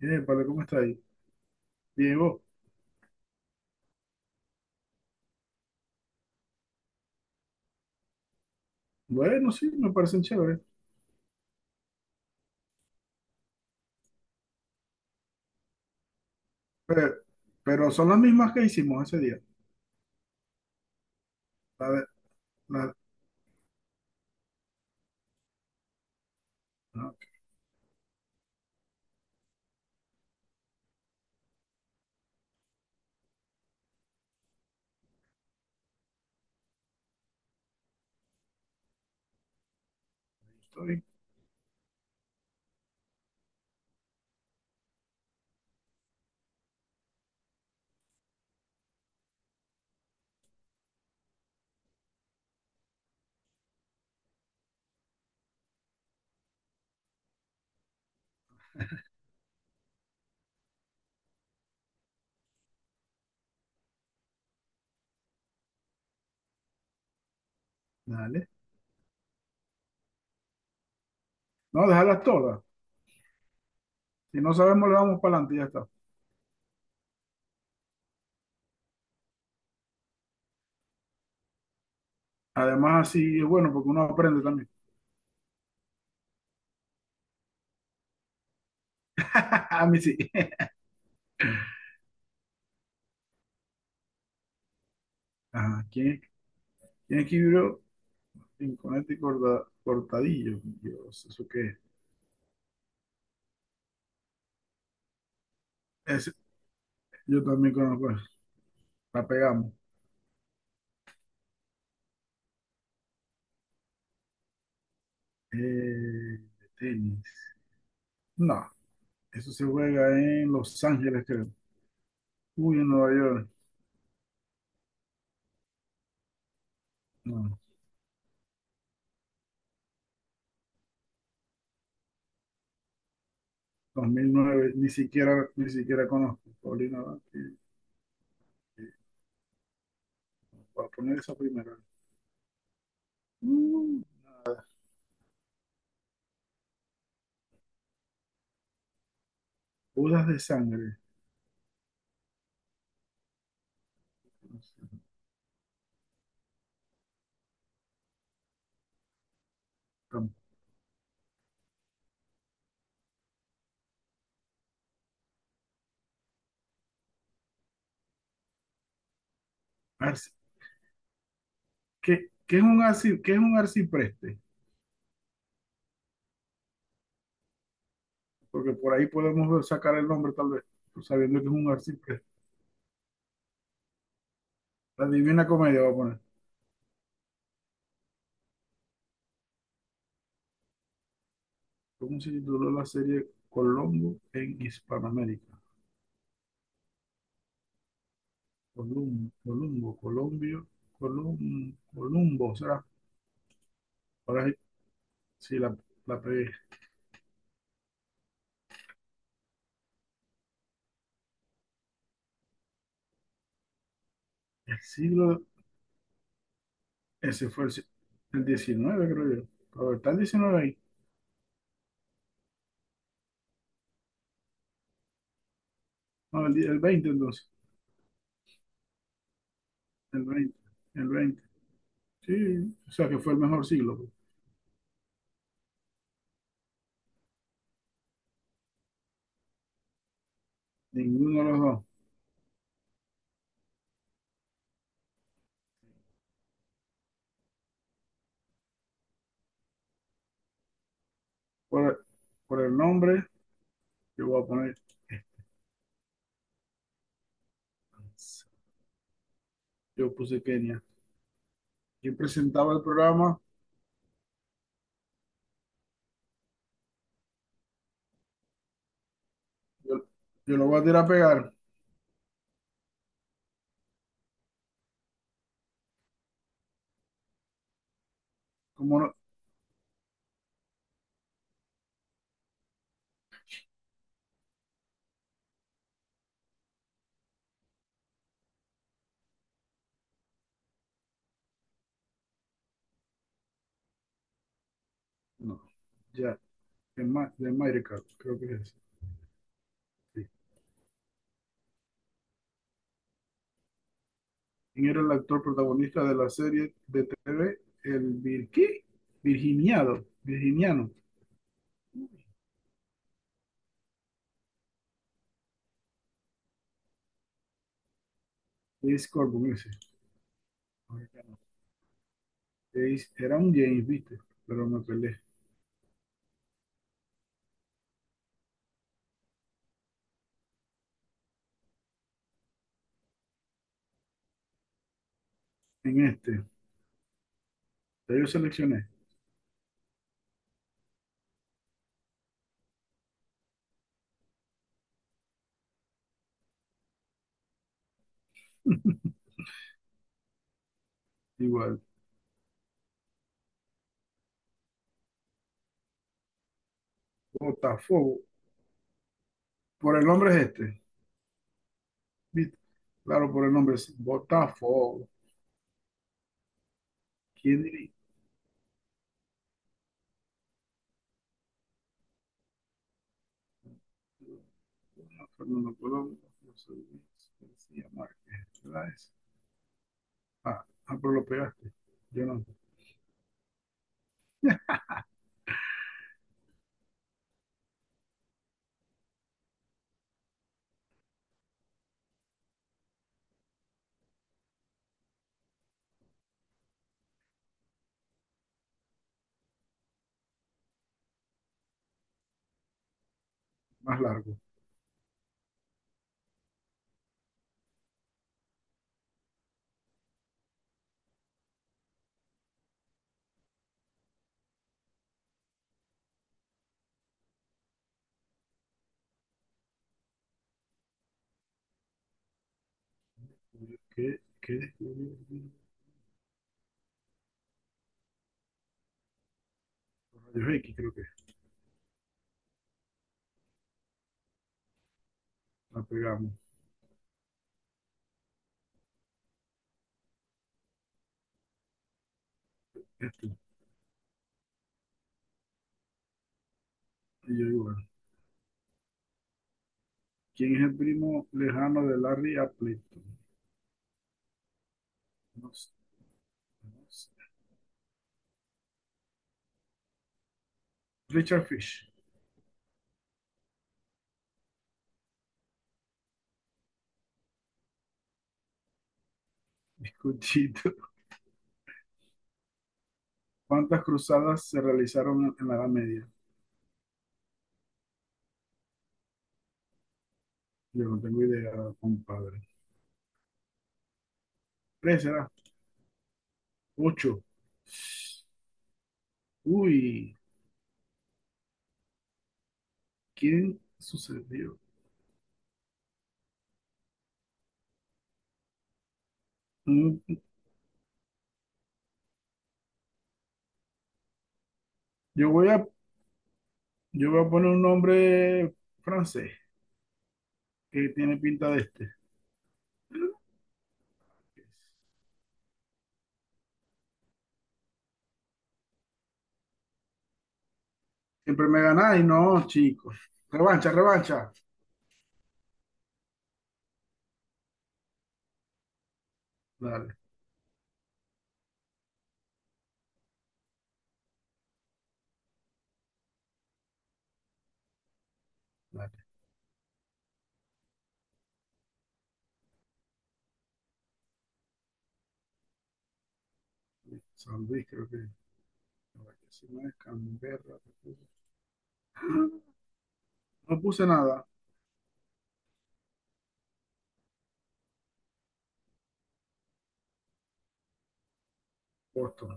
Vale, ¿cómo está ahí? Bien, vos. Bueno, sí, me parecen chéveres. Pero, pero son las mismas que hicimos ese día. La de- la- no, aquí estoy. Dale. No, déjalas todas. Si no sabemos, le vamos para adelante y ya está. Además, así es bueno porque uno aprende también. A mí sí. Ajá, ¿quién escribió Rinconete y Cortadillo? Dios, ¿eso qué es? Ese- yo también conozco eso. La pegamos. Eh, Tenis. No, eso se juega en Los Ángeles, creo. Uy, en Nueva York. No. 2009, ni siquiera, ni siquiera conozco Paulina Abad. Voy a poner esa primera. Mm. Bodas de sangre. No sé. tam- arci- ¿Qué, qué es un arcipreste? Porque por ahí sacar el nombre tal vez, pues, sabiendo que es un arcipreste. La Divina Comedia voy a poner. ¿Cómo se tituló la serie Colombo en Hispanoamérica? Columbo, Columbo, Colombio, Columbo, será. Ahora sí, sí, la pegué. El siglo Ese fue el, si- El 19, creo yo. Pero está el diecinueve ahí. No, el veinte entonces. El 20, El 20, Sí, o sea que fue el mejor siglo, pues. Ninguno de los dos. Por, por el nombre, yo voy a poner, yo puse Kenia. Quien presentaba el programa, yo, yo lo voy a tirar a pegar. ¿Cómo no? No. Ya, de Mairecat, creo que es. Sí. ¿Quién era el actor protagonista de la serie de TV? El Virqui, Virginiano, de Scorpion, Jace, era un James, viste, pero me peleé. En este, ya yo seleccioné. Igual. Botafogo. Por el nombre es este, viste. Claro, por el nombre es Botafogo. ¿Quién diría? Bueno, Fernando Colón, José Luis García Márquez, ¿verdad ese? Ah, ah, pero lo pegaste. Yo no. Más largo. ¿Qué? ¿Qué? Rayos X, creo que es. La pegamos. Este. Y yo igual. ¿Quién es el primo lejano de Larry Appleton? No sé, no sé. Richard Fish. Escuchito. ¿Cuántas cruzadas se realizaron en la Edad Media? Yo no tengo idea, compadre. ¿Tres será? Ocho. Uy, ¿quién sucedió? Mm. Yo voy a, yo voy a poner un nombre francés que tiene pinta de este. Siempre me ganáis, no, chicos. Revancha, revancha. Dale, dale. San Luis, creo que. No, que si no es Canberra. No puse nada. Boston.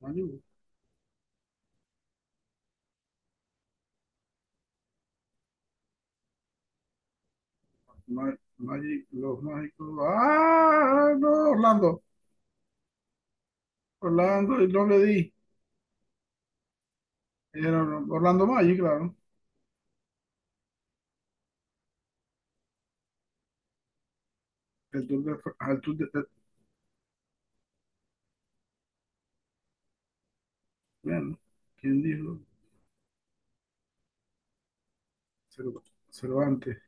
Malibu. Magic, los mágicos. Ah, no, Orlando. Orlando, y no le di. Era Orlando Magic, claro. El tour de, Fra- Al tour de, bueno, ¿quién dijo? Cerv- Cervantes.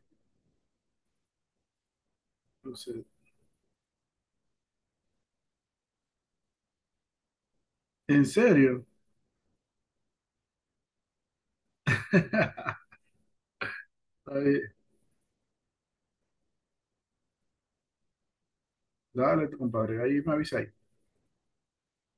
No sé. ¿En serio? Está bien. Dale, compadre, ahí me avisa.